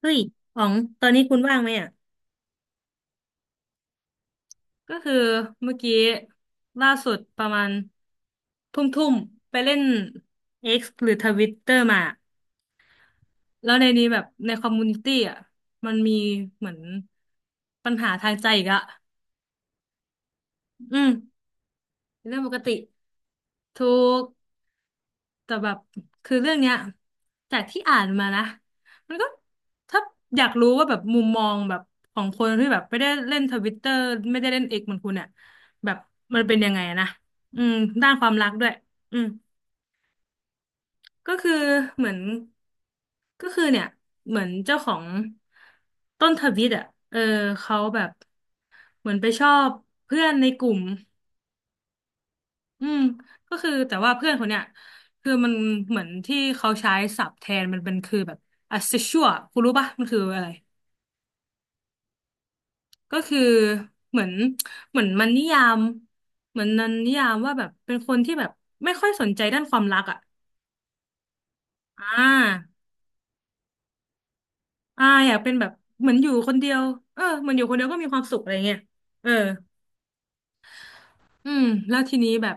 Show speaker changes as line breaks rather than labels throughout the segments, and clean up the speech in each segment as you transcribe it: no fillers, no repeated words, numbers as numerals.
เฮ้ยอ๋อง ตอนนี้คุณว่างไหมอ่ะ ก็คือเมื่อกี้ล่าสุดประมาณทุ่มทุ่มไปเล่น X หรือทวิตเตอร์มา แล้วในนี้แบบในคอมมูนิตี้อ่ะ มันมีเหมือนปัญหาทางใจอีกอะอืมเป็นเรื่องปกติทูก แต่แบบคือเรื่องเนี้ยจากที่อ่านมานะมันก็ถ้าอยากรู้ว่าแบบมุมมองแบบของคนที่แบบไม่ได้เล่นทวิตเตอร์ไม่ได้เล่นเอกเหมือนคุณเนี่ยแบบมันเป็นยังไงอะนะอืมด้านความรักด้วยอืมก็คือเหมือนก็คือเนี่ยเหมือนเจ้าของต้นทวิตอ่ะเออเขาแบบเหมือนไปชอบเพื่อนในกลุ่ม อืมก็คือแต่ว่าเพื่อนคนเนี้ยคือมันเหมือนที่เขาใช้ศัพท์แทนมันเป็นคือแบบ asexual คุณรู้ปะมันคืออะไรก็คือเหมือนเหมือนมันนิยามเหมือนนันนิยามว่าแบบเป็นคนที่แบบไม่ค่อยสนใจด้านความรักอ่ะอ่าอ่าอยากเป็นแบบเหมือนอยู่คนเดียวเออเหมือนอยู่คนเดียวก็มีความสุขอะไรเงี้ยเอออืมแล้วทีนี้แบบ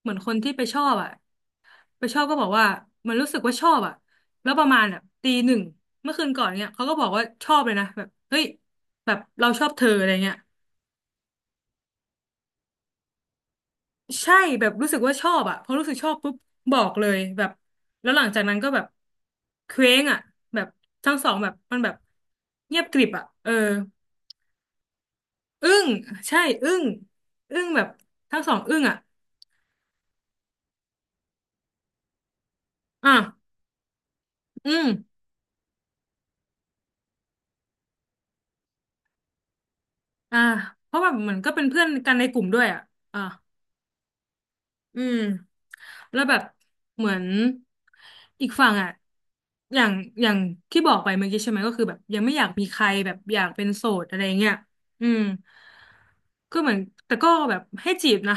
เหมือนคนที่ไปชอบอ่ะ ไปชอบก็บอกว่ามันรู้สึกว่าชอบอ่ะแล้วประมาณแบบตีหนึ่งเมื่อคืนก่อนเนี่ยเขาก็บอกว่าชอบเลยนะแบบเฮ้ยแบบเราชอบเธออะไรเงี้ยใช่แบบรู้สึกว่าชอบอ่ะพอรู้สึกชอบปุ๊บบอกเลยแบบแล้วหลังจากนั้นก็แบบเคว้งอ่ะแบบทั้งสองแบบมันแบบเงียบกริบอ่ะเอออึ้งใช่อึ้งอึ้งแบบทั้งสองอึ้งอ่ะอ่ะอืมอ่าเพราะว่าเหมือนก็เป็นเพื่อนกันในกลุ่มด้วยอ่ะอ่ะ อืมแล้วแบบเหมือนอีกฝั่งอ่ะอย่างอย่างที่บอกไปเมื่อกี้ใช่ไหมก็คือแบบยังไม่อยากมีใครแบบอยากเป็นโสดอะไรเงี้ยอืมก็เหมือนแต่ก็แบบให้จีบนะ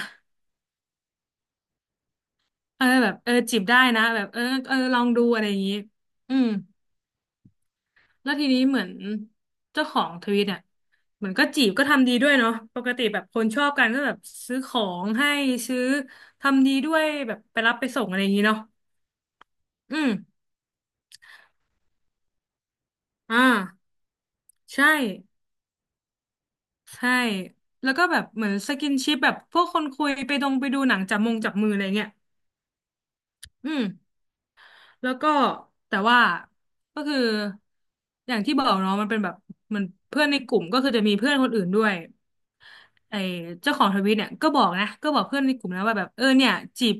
เออแบบเออจีบได้นะแบบเออเออลองดูอะไรอย่างงี้อืมแล้วทีนี้เหมือนเจ้าของทวิตเนี่ยเหมือนก็จีบก็ทำดีด้วยเนาะปกติแบบคนชอบกันก็แบบซื้อของให้ซื้อทำดีด้วยแบบไปรับไปส่งอะไรอย่างงี้เนาะอืมอ่า ใช่ใช่แล้วก็แบบเหมือนสกินชิปแบบพวกคนคุยไปดงไปดูหนังจับมงจับมืออะไรเงี้ยอืมแล้วก็แต่ว่าก็คืออย่างที่บอกเนาะมันเป็นแบบเหมันเพื่อนในกลุ่มก็คือจะมีเพื่อนคนอื่นด้วยไอ้เจ้าของทวิตเนี่ยก็บอกนะก็บอกเพื่อนในกลุ่มนะว่าแบบเออเนี่ยจีบ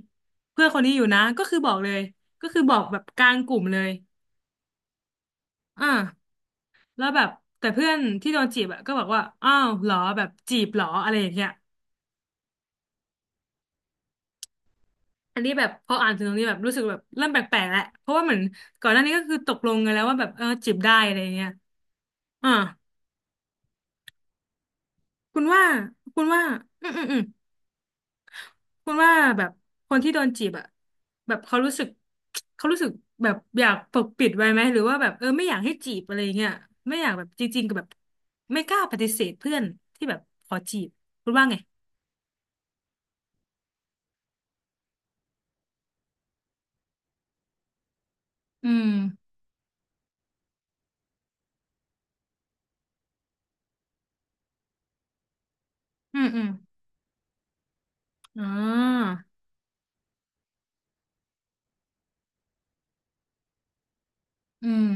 เพื่อนคนนี้อยู่นะก็คือบอกเลยก็คือบอกแบบกลางกลุ่มเลยอ่าแล้วแบบแต่เพื่อนที่โดนจีบอะก็บอกว่าอ้าวเหรอแบบจีบเหรออะไรอย่างเงี้ย อันนี้แบบพออ่านถึงตรงนี้แบบรู้สึกแบบเริ่มแปลกๆแล้วเพราะว่าเหมือนก่อนหน้านี้ก็คือตกลงกันแล้วว่าแบบเออจีบได้อะไรเงี้ยอ่าคุณว่าคุณว่าอืมอืมอืมคุณว่าแบบคนที่โดนจีบอะแบบเขารู้สึกแบบอยากปกปิดไว้ไหมหรือว่าแบบเออไม่อยากให้จีบอะไรเงี้ยไม่อยากแบบจริงๆกับแบบไม่กล้าปฏิเสธเพื่อนที่แบบขอจีบคุณว่าไงอืมอืมอืมอ๋ออืม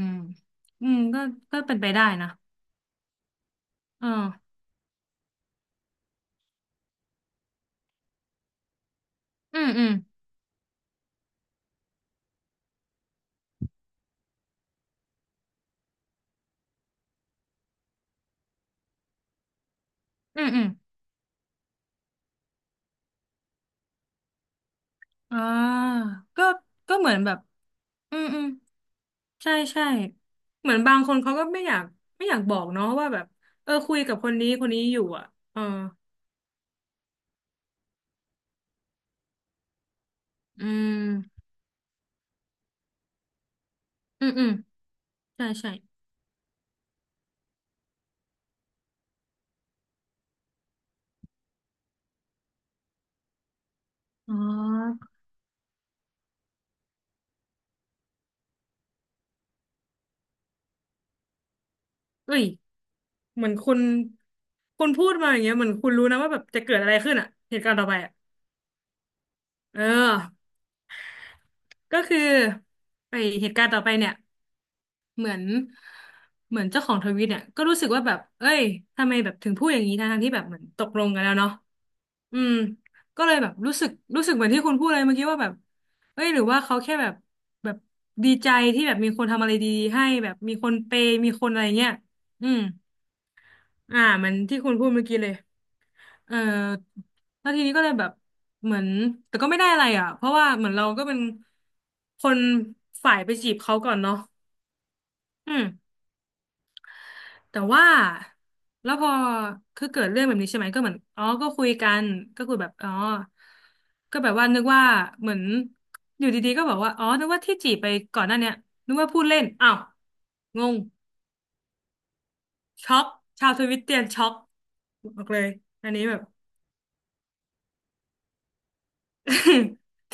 อืมก็ก็เป็นไปได้นะเอออืมอืม อืมอืมอ่าก็ก็เหมือนแบบอืมอืมใช่ใช่เหมือนบางคนเขาก็ไม่อยากบอกเนาะว่าแบบเออคุยกับคนนี้คนนี้อยู่อ่ะเอออืมอืมอืมใช่ใช่อ๋อเอ้ยเหมือนคุณพูดมาอย่างเงี้ยเหมือนคุณรู้นะว่าแบบจะเกิดอะไรขึ้นอ่ะเหตุการณ์ต่อไปอ่ะเออก็คือไอเหตุการณ์ต่อไปเนี่ย เหมือนเหมือนเจ้าของทวิตเนี่ยก็รู้สึกว่าแบบเอ้ยทำไมแบบถึงพูดอย่างนี้ทั้งๆที่แบบเหมือนตกลงกันแล้วเนาะอืมก็เลยแบบรู้สึกเหมือนที่คุณพูดเลยเมื่อกี้ว่าแบบเอ้ยหรือว่าเขาแค่แบบแบบดีใจที่แบบมีคนทำอะไรดีๆให้แบบมีคนเปย์มีคนอะไรเงี้ยอืมอ่าเหมันที่คุณพูดเมื่อกี้เลยเออแล้วทีนี้ก็เลยแบบเหมือนแต่ก็ไม่ได้อะไรอ่ะเพราะว่าเหมือนเราก็เป็นคนฝ่ายไปจีบเขาก่อนเนาะอืม แต่ว่าแล้วพอคือเกิดเรื่องแบบนี้ใช่ไหมก็เหมือนอ๋อก็คุยกันก็คุยแบบอ๋อก็แบบว่านึกว่าเหมือนอยู่ดีๆก็บอกว่าอ๋อนึกว่าที่จีบไปก่อนหน้าเนี้ยนึกว่าพูดเล่นอ้าวงงช็อกชาวทวิตเตียนช็อกบอกเลยอันนี้แบบ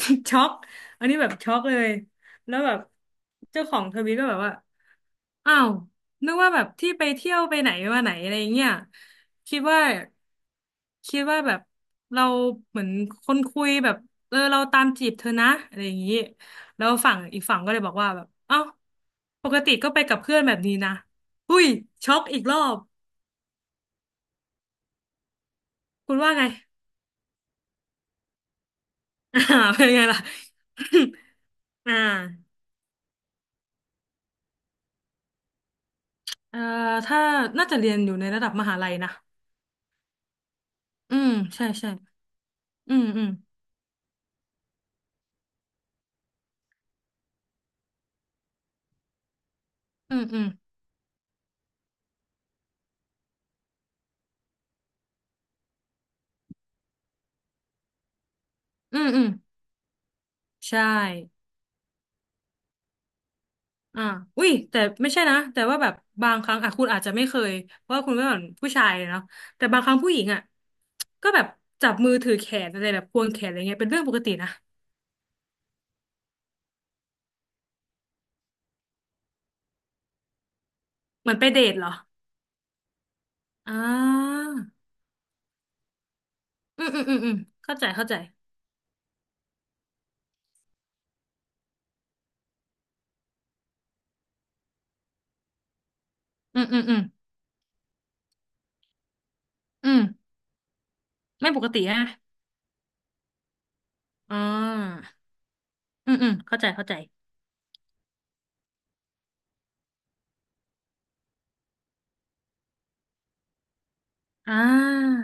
ช็อกอันนี้แบบช็อกเลยแล้วแบบเจ้าของทวิตก็แบบว่า อ้าวนึกว่าแบบที่ไปเที่ยวไปไหนมาไหนอะไรเงี้ยคิดว่าคิดว่าแบบเราเหมือนคนคุยแบบเออเราตามจีบเธอนะอะไรอย่างนี้แล้วฝั่งอีกฝั่งก็เลยบอกว่าแบบเอ้าปกติก็ไปกับเพื่อนแบบนี้นะหุ้ยช็อกอีกรอบคุณว่าไงอ่าเป็นไงล่ะ อ่าเอ่อถ้าน่าจะเรียนอยู่ในระดับมหาลัยนะอืมใช่ใช่อืมอืมอืมอืมอืมอืมใช่ อ่าอุ้ยแต่ไม่ใช่นะแต่ว่าแบบบางครั้งอ่ะคุณอาจจะไม่เคยเพราะว่าคุณก็เป็นผู้ชายเนาะแต่บางครั้งผู้หญิงอ่ะก็แบบจับมือถือแขนอะไรแบบควงแขนอะไรเงี้ยเป็นเรื่องปกตินะเหมือนไปเดทเหรออ่าอืมอืมอืมอืมเข้าใจเข้าใจอืมอืมอืมอืมไม่ปกติฮะอ่าอืมอืมเข้าใจเข้าใจอ่า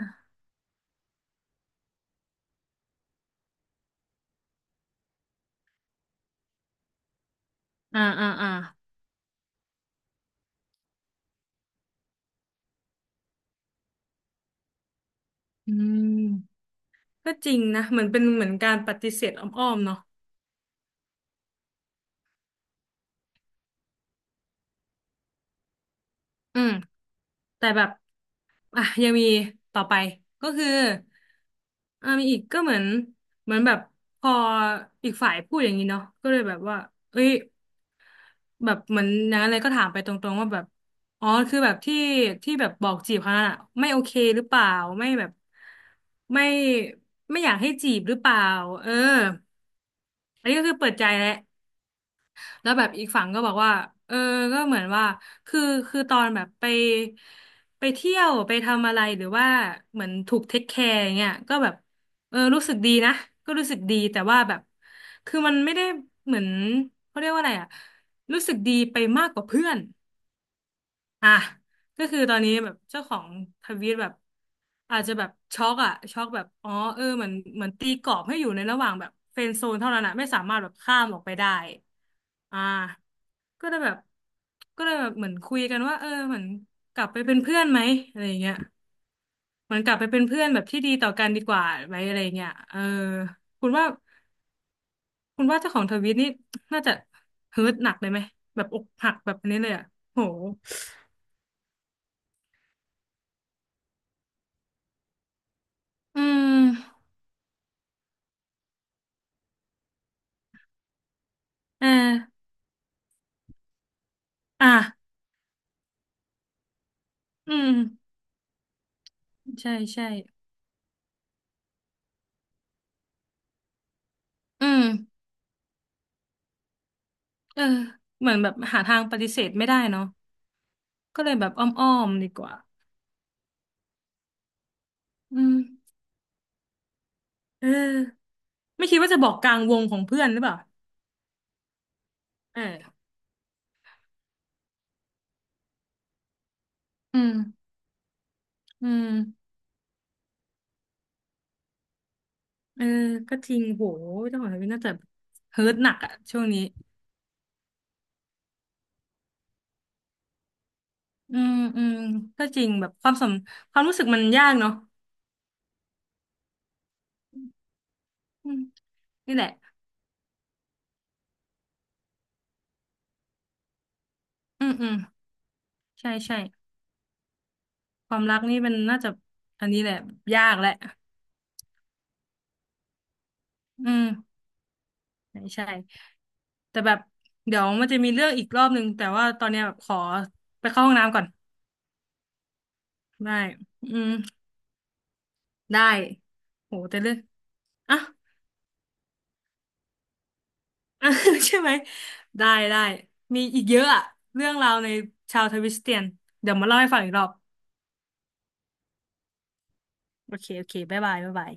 อ่าอ่าอ่าอืมก็จริงนะเหมือนเป็นเหมือนการปฏิเสธอ้อมๆเนาะ อืมแต่แบบอ่ะยังมีต่อไปก็คืออ่ามีอีกก็เหมือนเหมือนแบบพออีกฝ่ายพูดอย่างนี้เนาะก็เลยแบบว่าเอ้ยแบบเหมือนอย่างนั้นเลยก็ถามไปตรงๆว่าแบบอ๋อคือแบบที่ที่แบบบอกจีบเขานั่นอะไม่โอเคหรือเปล่าไม่แบบไม่ไม่อยากให้จีบหรือเปล่าเอออันนี้ก็คือเปิดใจแล้ว แล้วแบบอีกฝั่งก็บอกว่าเออก็เหมือนว่าคือคือตอนแบบไปไปเที่ยวไปทำอะไรหรือว่าเหมือนถูกเทคแคร์อย่างเงี้ยก็แบบเออรู้สึกดีนะก็รู้สึกดีแต่ว่าแบบคือมันไม่ได้เหมือนเขาเรียกว่าอะไรอะรู้สึกดีไปมากกว่าเพื่อน อ่ะก็คือตอนนี้แบบเจ้าของทวีตแบบอาจจะแบบช็อกอะช็อกแบบอ๋อเออเหมือนเหมือนตีกรอบให้อยู่ในระหว่างแบบเฟรนด์โซนเท่านั้นอะไม่สามารถแบบข้ามออกไปได้อ่าก็เลยแบบก็เลยแบบเหมือนคุยกันว่าเออเหมือนกลับไปเป็นเพื่อนไหมอะไรอย่างเงี้ยเหมือนกลับไปเป็นเพื่อนแบบที่ดีต่อกันดีกว่าไหมอะไรอย่างเงี้ยเออคุณว่าคุณว่าเจ้าของทวีตนี่น่าจะเฮิร์ตหนักเลยไหมแบบอกหักแบบนี้เลยอะโหอืมเออ อ่ะอืมใช่ใช่ อืมเออเหมือนแบบหาทางปฏิเสธไม่ได้เนาะก็เลยแบบอ้อมๆดีกว่าอืมเออไม่คิดว่าจะบอกกลางวงของเพื่อนหรือเปล่าเอออืมอืมเออก็จริงโหเจ้าของทวิตน่าจะเฮิร์ตหนักอะช่วงนี้ อืมอืมก็จริงแบบความสมความรู้สึกมันยากเนาะอืมนี่แหละ อืมอืมใช่ใช่ความรักนี่มันน่าจะอันนี้แหละยากแหละอืมใช่ใช่ แต่แบบเดี๋ยวมันจะมีเรื่องอีกรอบนึงแต่ว่าตอนเนี้ยแบบขอไปเข้าห้องน้ำก่อนได้อืมได้โหแต่เรื่องอ่ะ อ่ะ ใช่ไหมได้ได้มีอีกเยอะอะเรื่องราวในชาวทวิสเตียนเดี๋ยวมาเล่าให้ฟังอีกรอบโอเคโอเคบ๊ายบายบ๊ายบาย